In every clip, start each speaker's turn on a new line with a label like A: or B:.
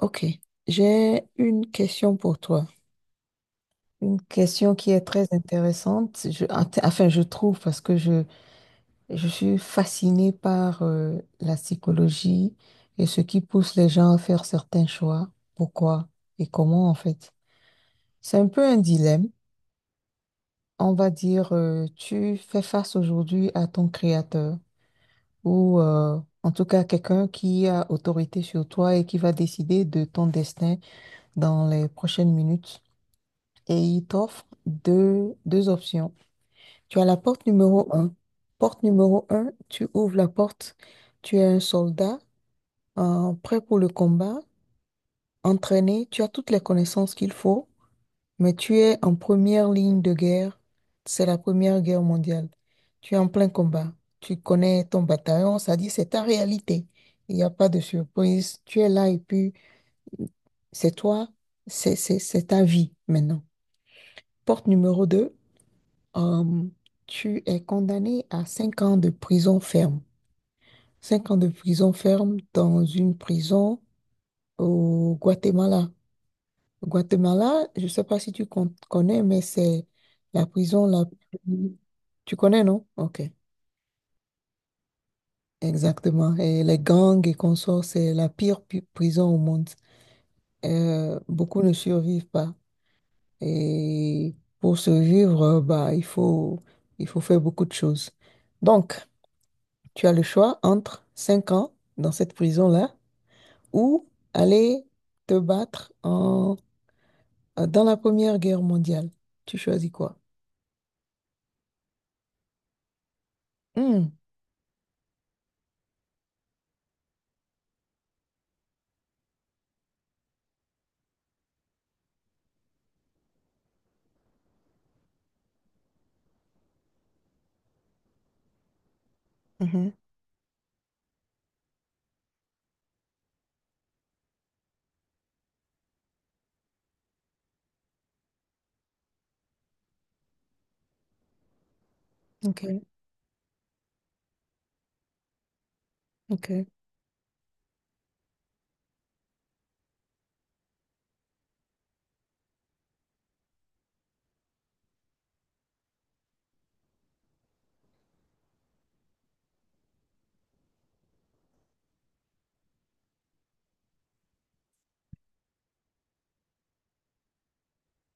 A: Ok, j'ai une question pour toi. Une question qui est très intéressante. Je trouve parce que je suis fascinée par la psychologie et ce qui pousse les gens à faire certains choix. Pourquoi et comment en fait. C'est un peu un dilemme. On va dire, tu fais face aujourd'hui à ton créateur ou en tout cas quelqu'un qui a autorité sur toi et qui va décider de ton destin dans les prochaines minutes. Et il t'offre deux options. Tu as la porte numéro un. Porte numéro un, tu ouvres la porte, tu es un soldat prêt pour le combat, entraîné, tu as toutes les connaissances qu'il faut, mais tu es en première ligne de guerre. C'est la Première Guerre mondiale. Tu es en plein combat. Tu connais ton bataillon, ça dit c'est ta réalité. Il n'y a pas de surprise. Tu es là et puis c'est toi, c'est ta vie maintenant. Porte numéro 2. Euh, Tu es condamné à 5 ans de prison ferme. 5 ans de prison ferme dans une prison au Guatemala. Au Guatemala, je ne sais pas si connais, mais c'est la prison la plus... Tu connais, non? Ok, exactement. Et les gangs et consorts, c'est la pire prison au monde. Beaucoup ne survivent pas. Et pour survivre, bah, il faut faire beaucoup de choses. Donc, tu as le choix entre 5 ans dans cette prison-là ou aller te battre dans la Première Guerre mondiale. Tu choisis quoi? Hmm, mhm, ok, ok.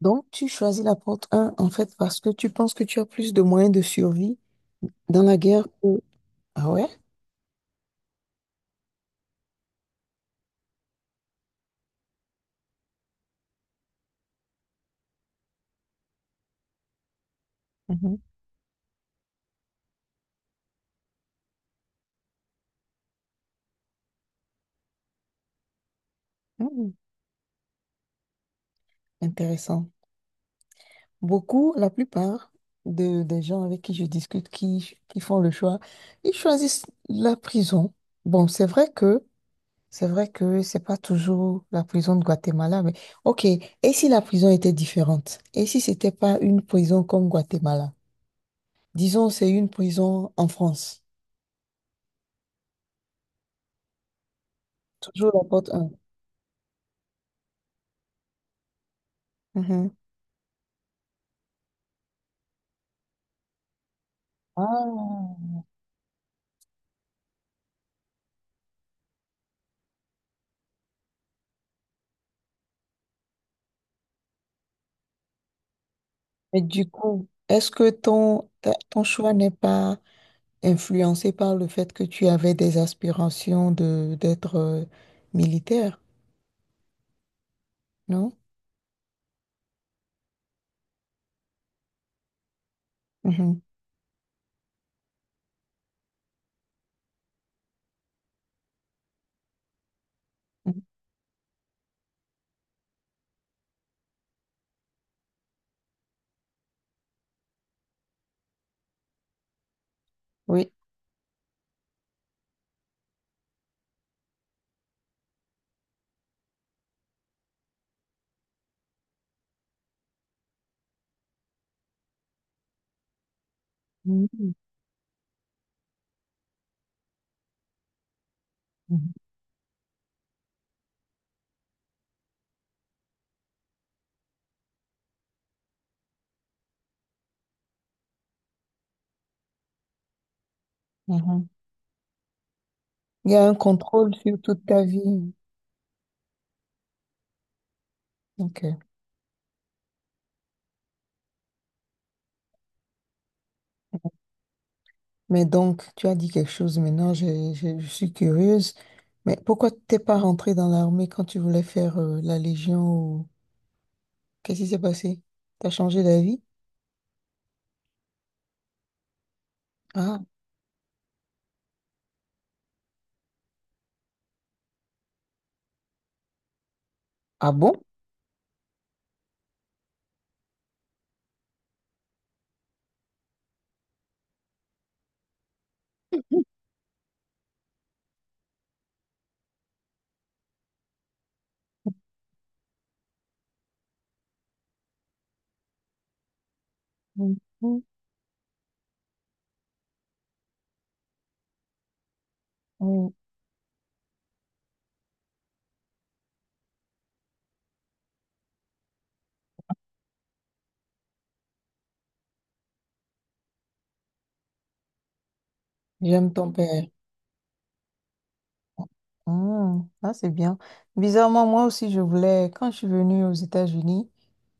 A: Donc, tu choisis la porte un en fait, parce que tu penses que tu as plus de moyens de survie dans la guerre que... Ah ouais? Mhm. Hmm, intéressant. Beaucoup, la plupart des gens avec qui je discute, qui font le choix, ils choisissent la prison. Bon, c'est vrai que c'est vrai que c'est pas toujours la prison de Guatemala, mais ok. Et si la prison était différente? Et si c'était pas une prison comme Guatemala? Disons, c'est une prison en France. Toujours la porte 1. Ah, mais du coup, est-ce que ton choix n'est pas influencé par le fait que tu avais des aspirations de d'être militaire, non? Mhm, mhm. Oui. Mhm, mhm, mhm. Il y a un contrôle sur toute ta vie. Ok. Mais donc, tu as dit quelque chose maintenant, suis curieuse. Mais pourquoi t'es pas rentré dans l'armée quand tu voulais faire la Légion ou... Qu'est-ce qui s'est passé? T'as changé d'avis? Ah, ah bon? Mhm, mhm. J'aime ton père. Hmm, ah c'est bien. Bizarrement, moi aussi, je voulais, quand je suis venue aux États-Unis,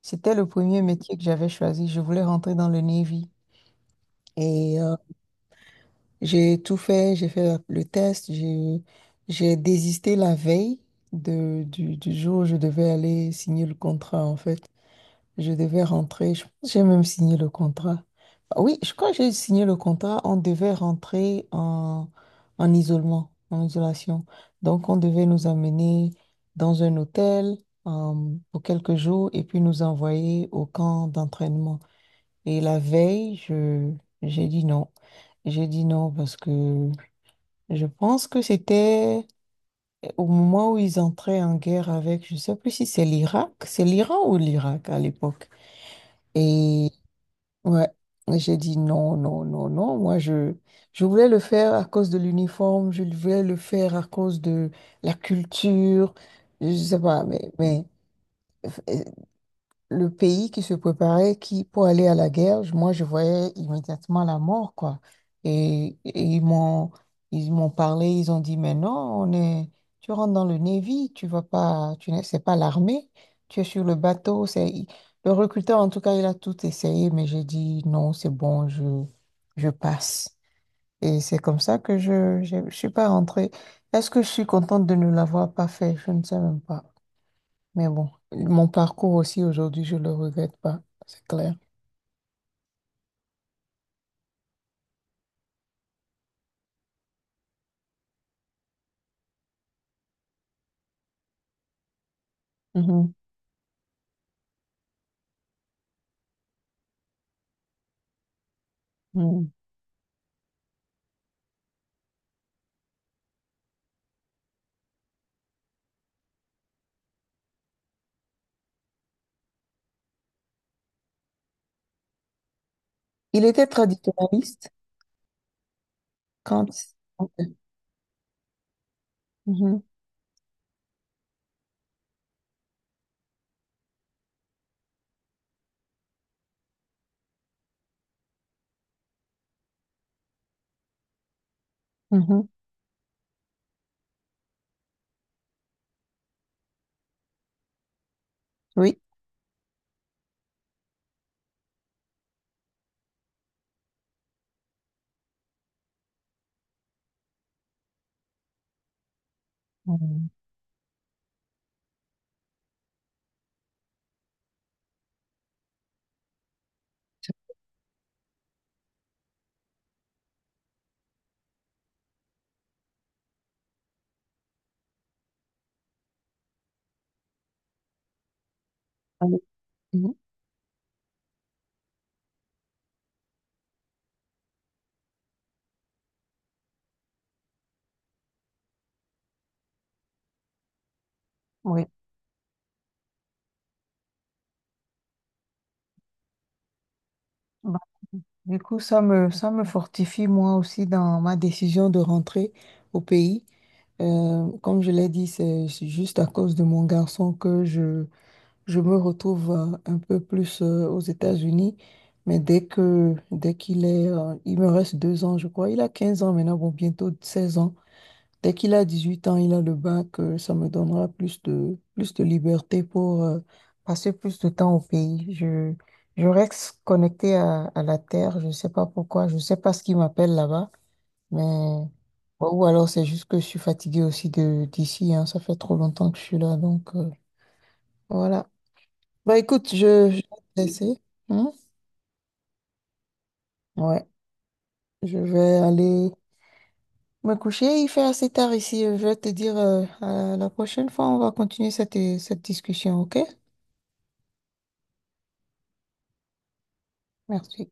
A: c'était le premier métier que j'avais choisi. Je voulais rentrer dans le Navy. Et j'ai tout fait, j'ai fait le test, j'ai désisté la veille de, du jour où je devais aller signer le contrat, en fait. Je devais rentrer. Je pense que j'ai même signé le contrat. Ah oui, je crois que j'ai signé le contrat. On devait rentrer en isolement, en isolation. Donc, on devait nous amener dans un hôtel euh, pour quelques jours et puis nous envoyer au camp d'entraînement. Et la veille, j'ai dit non. J'ai dit non parce que je pense que c'était au moment où ils entraient en guerre avec, je ne sais plus si c'est l'Irak, c'est l'Iran ou l'Irak à l'époque. Et ouais. Et j'ai dit non, non, non, non. Moi, je voulais le faire à cause de l'uniforme, je voulais le faire à cause de la culture, je sais pas, mais euh, le pays qui se préparait qui, pour aller à la guerre, moi, je voyais immédiatement la mort, quoi. Et ils m'ont parlé, ils ont dit, mais non, tu rentres dans le Navy, tu vas pas, tu n'es, c'est pas l'armée, tu es sur le bateau. Le recruteur, en tout cas, il a tout essayé, mais j'ai dit, non, c'est bon, je passe. Et c'est comme ça que je suis pas rentrée. Est-ce que je suis contente de ne l'avoir pas fait? Je ne sais même pas. Mais bon, mon parcours aussi aujourd'hui, je le regrette pas, c'est clair. Mhm, mhm. Il était traditionnaliste quand... Mhm, mhm. Oui. Mhm. Allez. Mhm. Oui. Bah, du coup, ça me fortifie moi aussi dans ma décision de rentrer au pays. Comme je l'ai dit, c'est juste à cause de mon garçon que je me retrouve un peu plus aux États-Unis, mais dès qu'il est, il me reste 2 ans, je crois. Il a 15 ans maintenant, bon, bientôt 16 ans. Dès qu'il a 18 ans, il a le bac, ça me donnera plus de liberté pour passer plus de temps au pays. Je reste connectée à la terre, je ne sais pas pourquoi, je ne sais pas ce qui m'appelle là-bas, mais... ou alors c'est juste que je suis fatiguée aussi de d'ici, hein. Ça fait trop longtemps que je suis là, donc voilà. Bah écoute, je vais te laisser, hein. Ouais, je vais aller me coucher. Il fait assez tard ici. Je vais te dire, à la prochaine fois, on va continuer cette, cette discussion, ok? Merci.